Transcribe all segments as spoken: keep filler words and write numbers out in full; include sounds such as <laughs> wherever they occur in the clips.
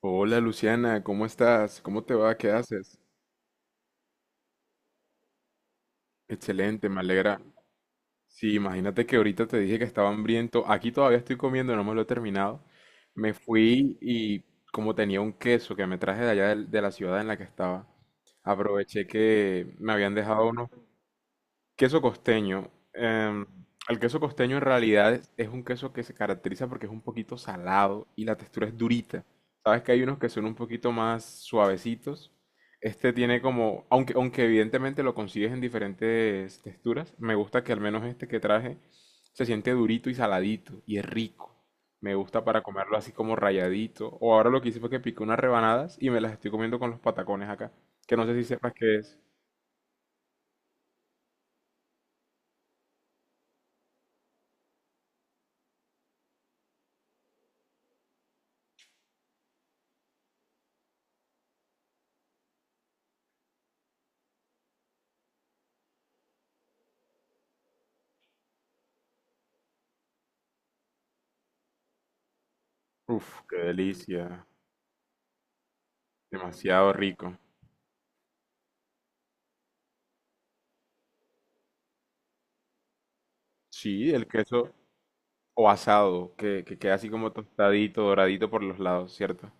Hola Luciana, ¿cómo estás? ¿Cómo te va? ¿Qué haces? Excelente, me alegra. Sí, imagínate que ahorita te dije que estaba hambriento. Aquí todavía estoy comiendo, no me lo he terminado. Me fui y como tenía un queso que me traje de allá del- de, la ciudad en la que estaba, aproveché que me habían dejado unos queso costeño. Em, el queso costeño en realidad es, es un queso que se caracteriza porque es un poquito salado y la textura es durita. Sabes que hay unos que son un poquito más suavecitos. Este tiene como, aunque, aunque evidentemente lo consigues en diferentes texturas, me gusta que al menos este que traje se siente durito y saladito y es rico. Me gusta para comerlo así como rayadito. O ahora lo que hice fue que piqué unas rebanadas y me las estoy comiendo con los patacones acá. Que no sé si sepas qué es. Uf, qué delicia. Demasiado rico. Sí, el queso o asado, que, que queda así como tostadito, doradito por los lados, ¿cierto?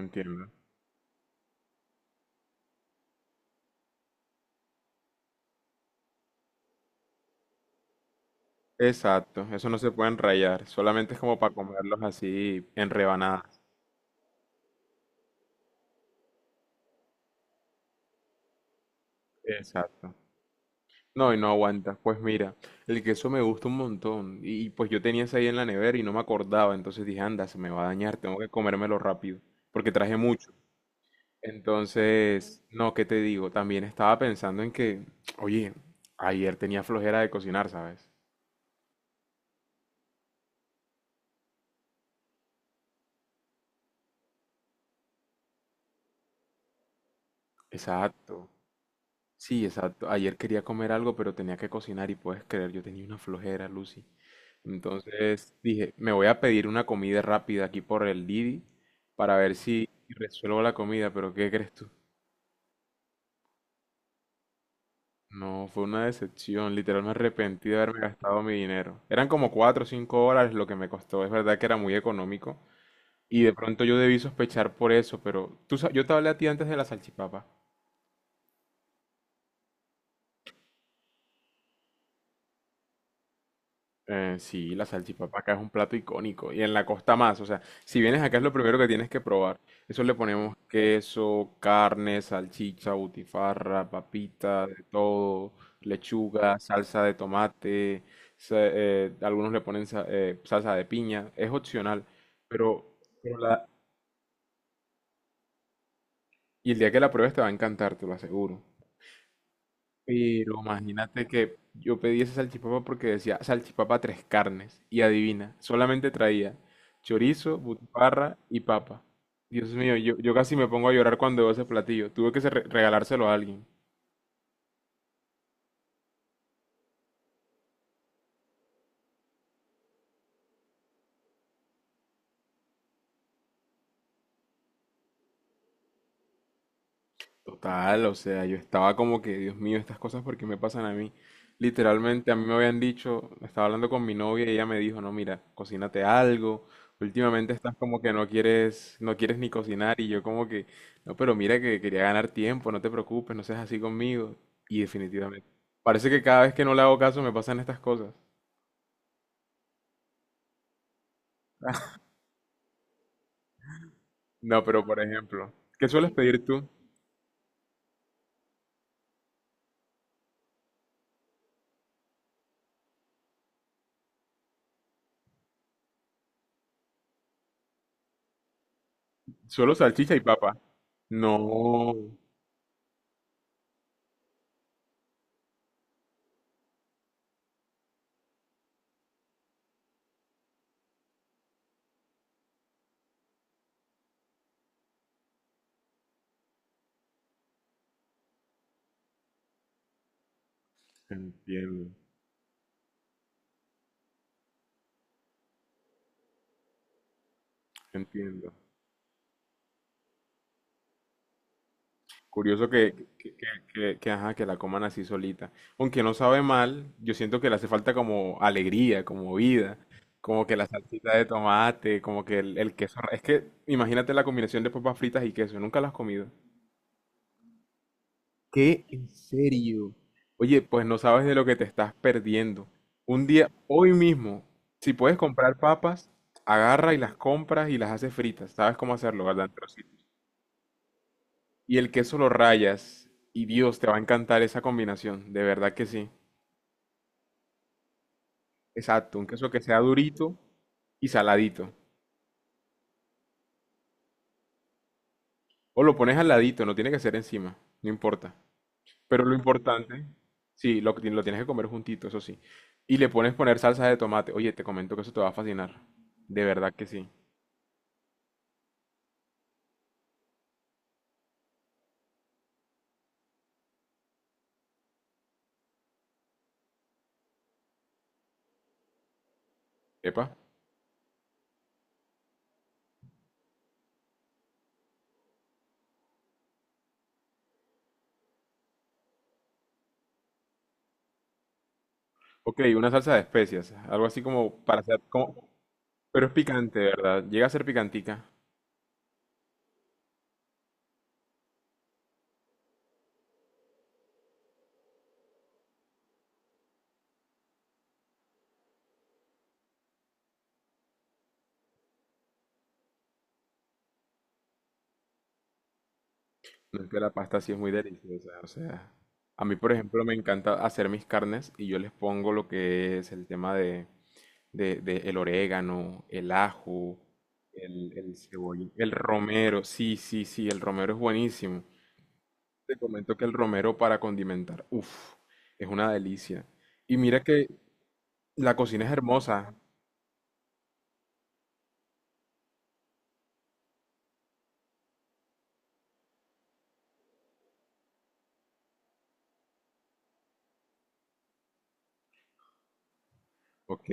Entiendo. Exacto, eso no se pueden rayar, solamente es como para comerlos así en rebanadas. Exacto. No, y no aguanta. Pues mira, el queso me gusta un montón. Y pues yo tenía ese ahí en la nevera y no me acordaba. Entonces dije, anda, se me va a dañar, tengo que comérmelo rápido. Porque traje mucho. Entonces, no, ¿qué te digo? También estaba pensando en que, oye, ayer tenía flojera de cocinar, ¿sabes? Exacto. Sí, exacto. Ayer quería comer algo, pero tenía que cocinar y puedes creer, yo tenía una flojera, Lucy. Entonces dije, me voy a pedir una comida rápida aquí por el Didi para ver si resuelvo la comida, pero ¿qué crees tú? No, fue una decepción. Literal me arrepentí de haberme gastado mi dinero. Eran como cuatro o cinco dólares lo que me costó. Es verdad que era muy económico, y de pronto yo debí sospechar por eso, pero tú, sa- yo te hablé a ti antes de la salchipapa. Eh, sí, la salchipapa acá es un plato icónico y en la costa más. O sea, si vienes acá es lo primero que tienes que probar. Eso le ponemos queso, carne, salchicha, butifarra, papita, de todo, lechuga, salsa de tomate. Sa- eh, algunos le ponen sa- eh, salsa de piña. Es opcional, pero, pero la- y el día que la pruebes te va a encantar, te lo aseguro. Pero imagínate que yo pedí esa salchipapa porque decía salchipapa tres carnes. Y adivina, solamente traía chorizo, butifarra y papa. Dios mío, yo, yo casi me pongo a llorar cuando veo ese platillo. Tuve que se- regalárselo a alguien. Total, o sea, yo estaba como que, Dios mío, estas cosas porque me pasan a mí. Literalmente a mí me habían dicho, estaba hablando con mi novia y ella me dijo, no, mira, cocínate algo. Últimamente estás como que no quieres, no quieres ni cocinar y yo como que, no, pero mira que quería ganar tiempo, no te preocupes, no seas así conmigo. Y definitivamente, parece que cada vez que no le hago caso me pasan estas cosas. <laughs> No, pero por ejemplo, ¿qué sueles pedir tú? Solo salchicha y papa. No, entiendo, entiendo. Curioso que, que, que- que, que, ajá, que la coman así solita. Aunque no sabe mal, yo siento que le hace falta como alegría, como vida, como que la salsita de tomate, como que el, el queso. Es que imagínate la combinación de papas fritas y queso, nunca las has comido. ¿Qué? ¿En serio? Oye, pues no sabes de lo que te estás perdiendo. Un día, hoy mismo, si puedes comprar papas, agarra y las compras y las haces fritas. ¿Sabes cómo hacerlo, verdad? Y el queso lo rayas. Y Dios, te va a encantar esa combinación, de verdad que sí. Exacto, un queso que sea durito y saladito. O lo pones al ladito, no tiene que ser encima, no importa. Pero lo importante, sí, lo, que ti- lo tienes que comer juntito, eso sí. Y le pones poner salsa de tomate. Oye, te comento que eso te va a fascinar. De verdad que sí. Epa. Ok, una salsa de especias, algo así como para hacer, como, pero es picante, ¿verdad? Llega a ser picantica. No es que la pasta sí es muy deliciosa, o sea, a mí por ejemplo me encanta hacer mis carnes y yo les pongo lo que es el tema de, de, de el orégano, el ajo, el, el cebollín, el romero, sí, sí, sí, el romero es buenísimo. Te comento que el romero para condimentar, uff, es una delicia. Y mira que la cocina es hermosa, ok,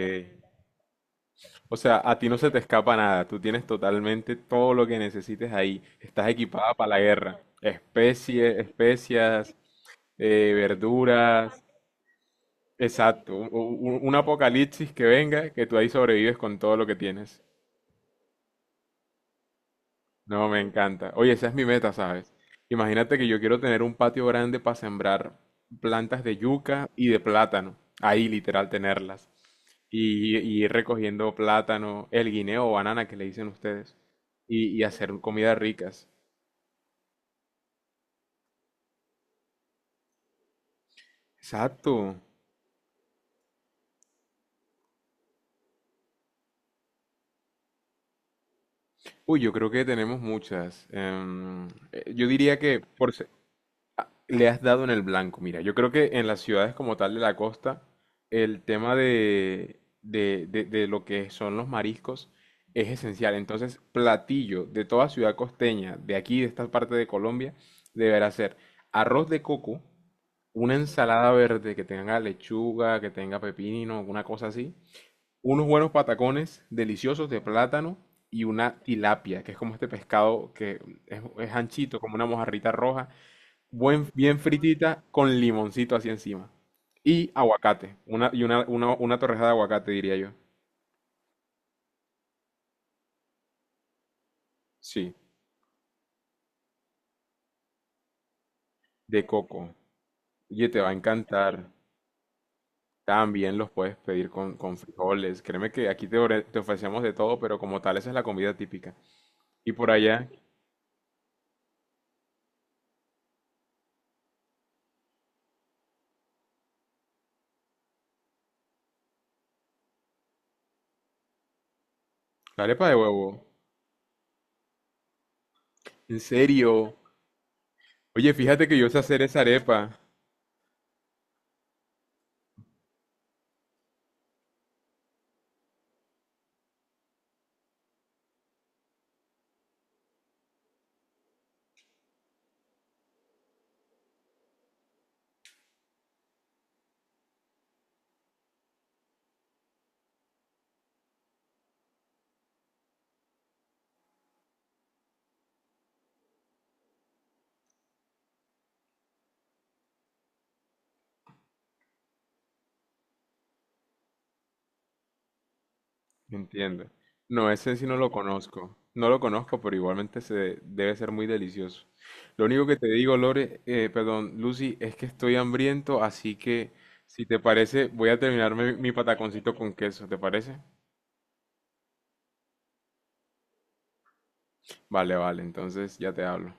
o sea, a ti no se te escapa nada, tú tienes totalmente todo lo que necesites ahí, estás equipada para la guerra, especies, especias, eh, verduras, exacto, un, un- un apocalipsis que venga, que tú ahí sobrevives con todo lo que tienes. No, me encanta. Oye, esa es mi meta, ¿sabes? Imagínate que yo quiero tener un patio grande para sembrar plantas de yuca y de plátano, ahí literal tenerlas. Y, y ir recogiendo plátano, el guineo o banana que le dicen ustedes, y, y hacer comidas ricas. Exacto. Uy, yo creo que tenemos muchas. Em, eh, yo diría que por, se- le has dado en el blanco. Mira, yo creo que en las ciudades como tal de la costa, el tema de, de, de, de lo que son los mariscos es esencial. Entonces, platillo de toda ciudad costeña, de aquí, de esta parte de Colombia, deberá ser arroz de coco, una ensalada verde que tenga lechuga, que tenga pepino, una cosa así, unos buenos patacones deliciosos de plátano y una tilapia, que es como este pescado que es, es anchito, como una mojarrita roja, buen- bien fritita con limoncito así encima. Y aguacate, una, y una, una, una torrejada de aguacate, diría yo. Sí, de coco. Oye, te va a encantar. También los puedes pedir con, con frijoles. Créeme que aquí te, ore- te ofrecemos de todo, pero como tal, esa es la comida típica. Y por allá, la arepa de huevo. ¿En serio? Oye, fíjate que yo sé hacer esa arepa. Entiendo. No, ese sí no lo conozco. No lo conozco, pero igualmente se debe ser muy delicioso. Lo único que te digo, Lore, eh, perdón, Lucy, es que estoy hambriento, así que si te parece, voy a terminarme mi pataconcito con queso, ¿te parece? Vale, vale, entonces ya te hablo.